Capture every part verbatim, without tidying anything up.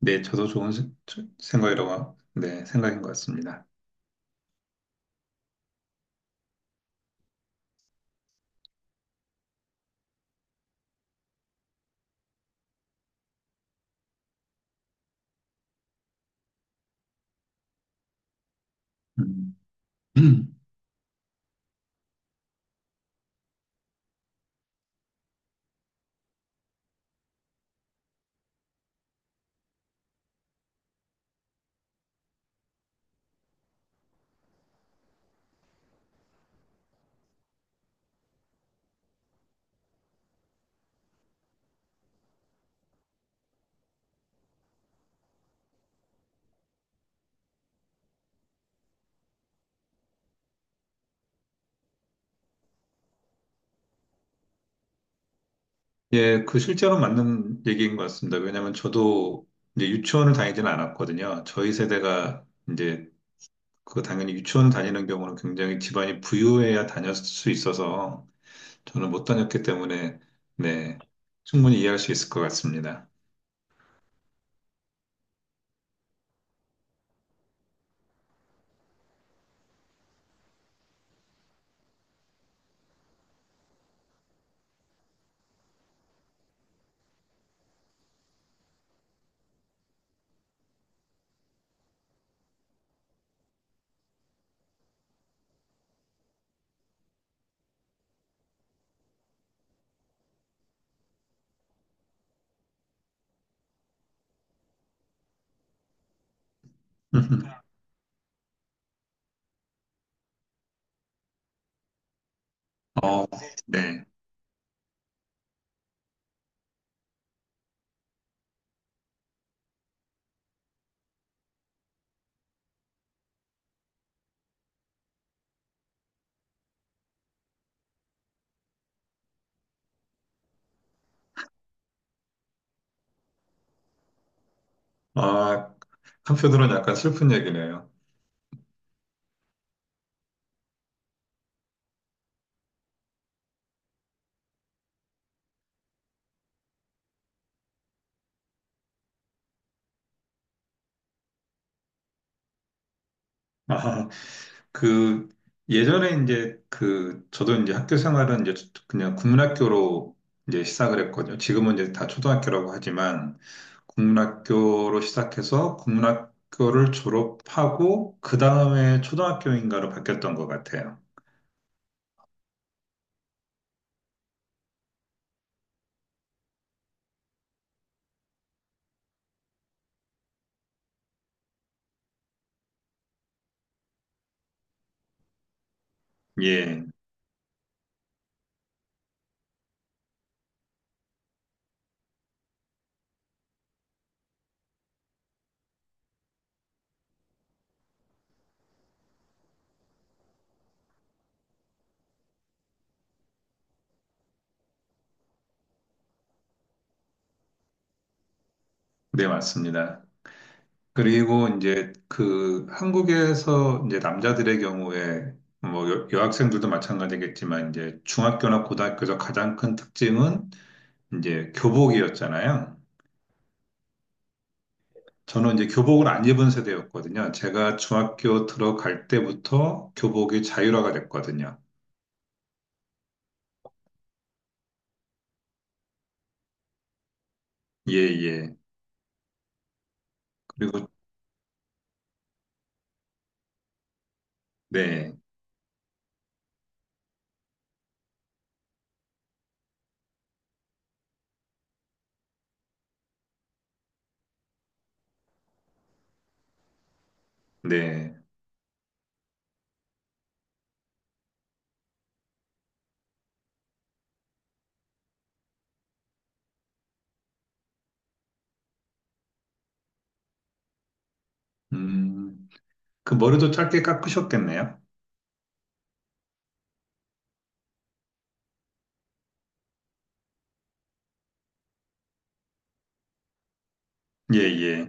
네, 저도 좋은 세- 생각이라고, 네, 생각인 것 같습니다. 음. 예, 그 실제로 맞는 얘기인 것 같습니다. 왜냐하면 저도 이제 유치원을 다니지는 않았거든요. 저희 세대가 이제 그 당연히 유치원 다니는 경우는 굉장히 집안이 부유해야 다녔을 수 있어서 저는 못 다녔기 때문에 네, 충분히 이해할 수 있을 것 같습니다. 어, 네. 아, 한편으로는 약간 슬픈 얘기네요. 아, 그 예전에 이제 그 저도 이제 학교 생활은 이제 그냥 국문학교로 이제 시작을 했거든요. 지금은 이제 다 초등학교라고 하지만 국문학교로 시작해서 국문학교를 졸업하고 그 다음에 초등학교인가로 바뀌었던 것 같아요. 예, 네, 맞습니다. 그리고 이제 그 한국에서 이제 남자들의 경우에 뭐 여- 여학생들도 마찬가지겠지만 이제 중학교나 고등학교에서 가장 큰 특징은 이제 교복이었잖아요. 저는 이제 교복을 안 입은 세대였거든요. 제가 중학교 들어갈 때부터 교복이 자율화가 됐거든요. 예, 예. 그리고, 네, 네. 음, 그 머리도 짧게 깎으셨겠네요. 예, 예.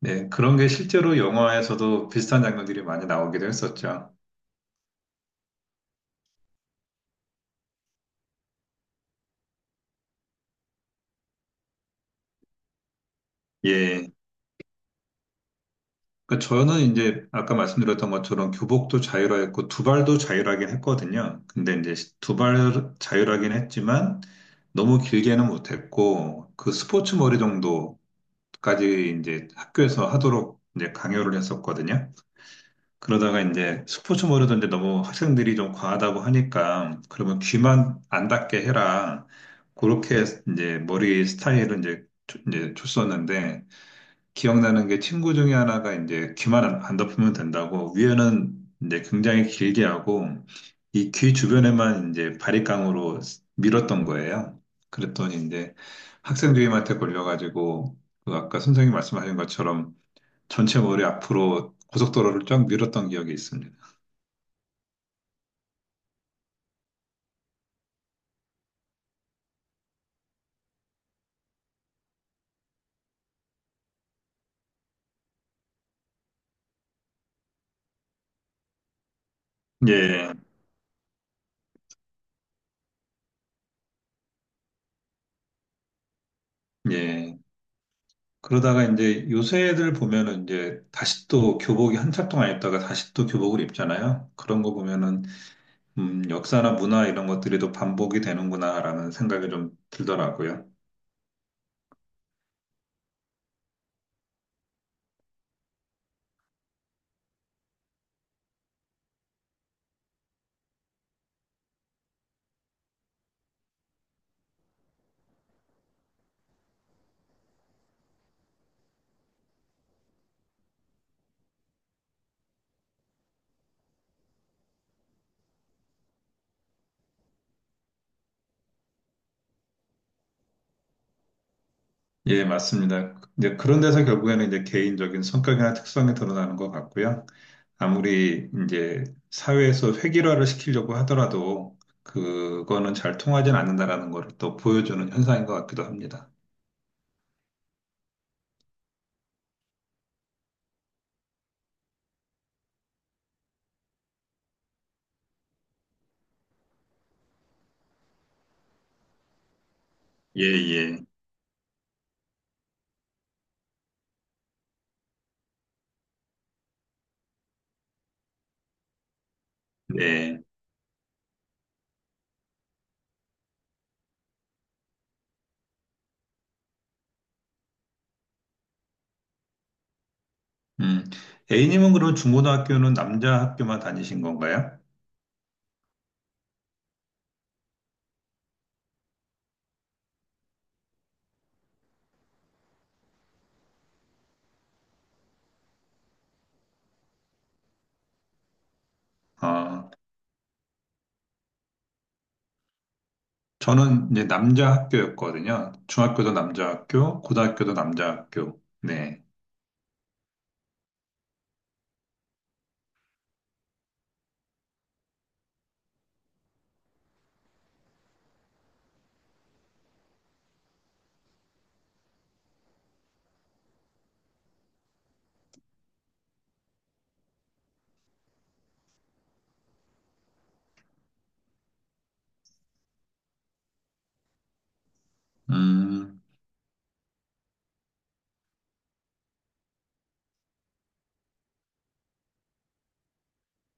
네, 그런 게 실제로 영화에서도 비슷한 장면들이 많이 나오기도 했었죠. 예. 그 저는 이제 아까 말씀드렸던 것처럼 교복도 자율화했고 두발도 자율화긴 했거든요. 근데 이제 두발 자율화긴 했지만 너무 길게는 못했고 그 스포츠 머리 정도까지 이제 학교에서 하도록 이제 강요를 했었거든요. 그러다가 이제 스포츠 머리도 이제 너무 학생들이 좀 과하다고 하니까 그러면 귀만 안 닿게 해라. 그렇게 이제 머리 스타일을 이제 조- 이제 줬었는데 기억나는 게 친구 중에 하나가 이제 귀만 안, 안 덮으면 된다고 위에는 이제 굉장히 길게 하고 이 귀 주변에만 이제 바리깡으로 밀었던 거예요. 그랬더니 이제 학생 주임한테 걸려가지고 그 아까 선생님 말씀하신 것처럼 전체 머리 앞으로 고속도로를 쫙 밀었던 기억이 있습니다. 예, 예. 그러다가 이제 요새 애들 보면은 이제 다시 또 교복이 한참 동안 입다가 다시 또 교복을 입잖아요. 그런 거 보면은 음, 역사나 문화 이런 것들이 또 반복이 되는구나라는 생각이 좀 들더라고요. 예, 맞습니다. 이제 그런 데서 결국에는 이제 개인적인 성격이나 특성이 드러나는 것 같고요. 아무리 이제 사회에서 획일화를 시키려고 하더라도 그거는 잘 통하진 않는다라는 걸 또 보여주는 현상인 것 같기도 합니다. 예, 예, 네. 음, 에이님은 그럼 중고등학교는 남자 학교만 다니신 건가요? 아, 저는 이제 남자 학교였거든요. 중학교도 남자 학교, 고등학교도 남자 학교. 네. 음,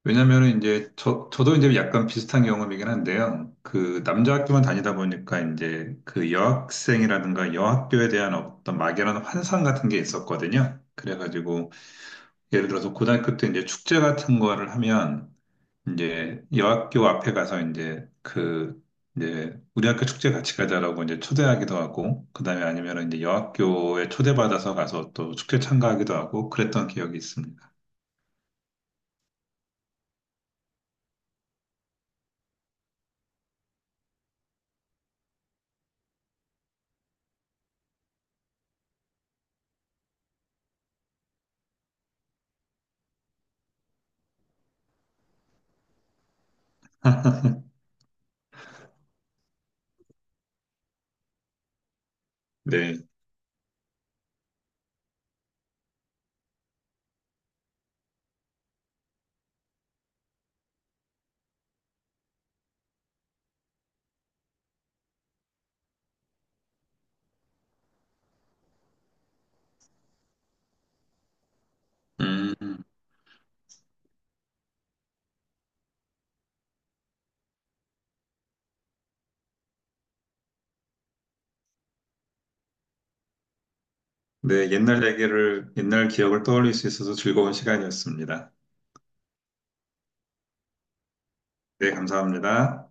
왜냐면은 이제 저, 저도 이제 약간 비슷한 경험이긴 한데요. 그 남자 학교만 다니다 보니까 이제 그 여학생이라든가 여학교에 대한 어떤 막연한 환상 같은 게 있었거든요. 그래가지고 예를 들어서 고등학교 때 이제 축제 같은 거를 하면 이제 여학교 앞에 가서 이제 그 이제 우리 학교 축제 같이 가자라고 이제 초대하기도 하고 그다음에 아니면은 이제 여학교에 초대받아서 가서 또 축제 참가하기도 하고 그랬던 기억이 있습니다. 네. 음. 네, 옛날 얘기를 옛날 기억을 떠올릴 수 있어서 즐거운 시간이었습니다. 네, 감사합니다.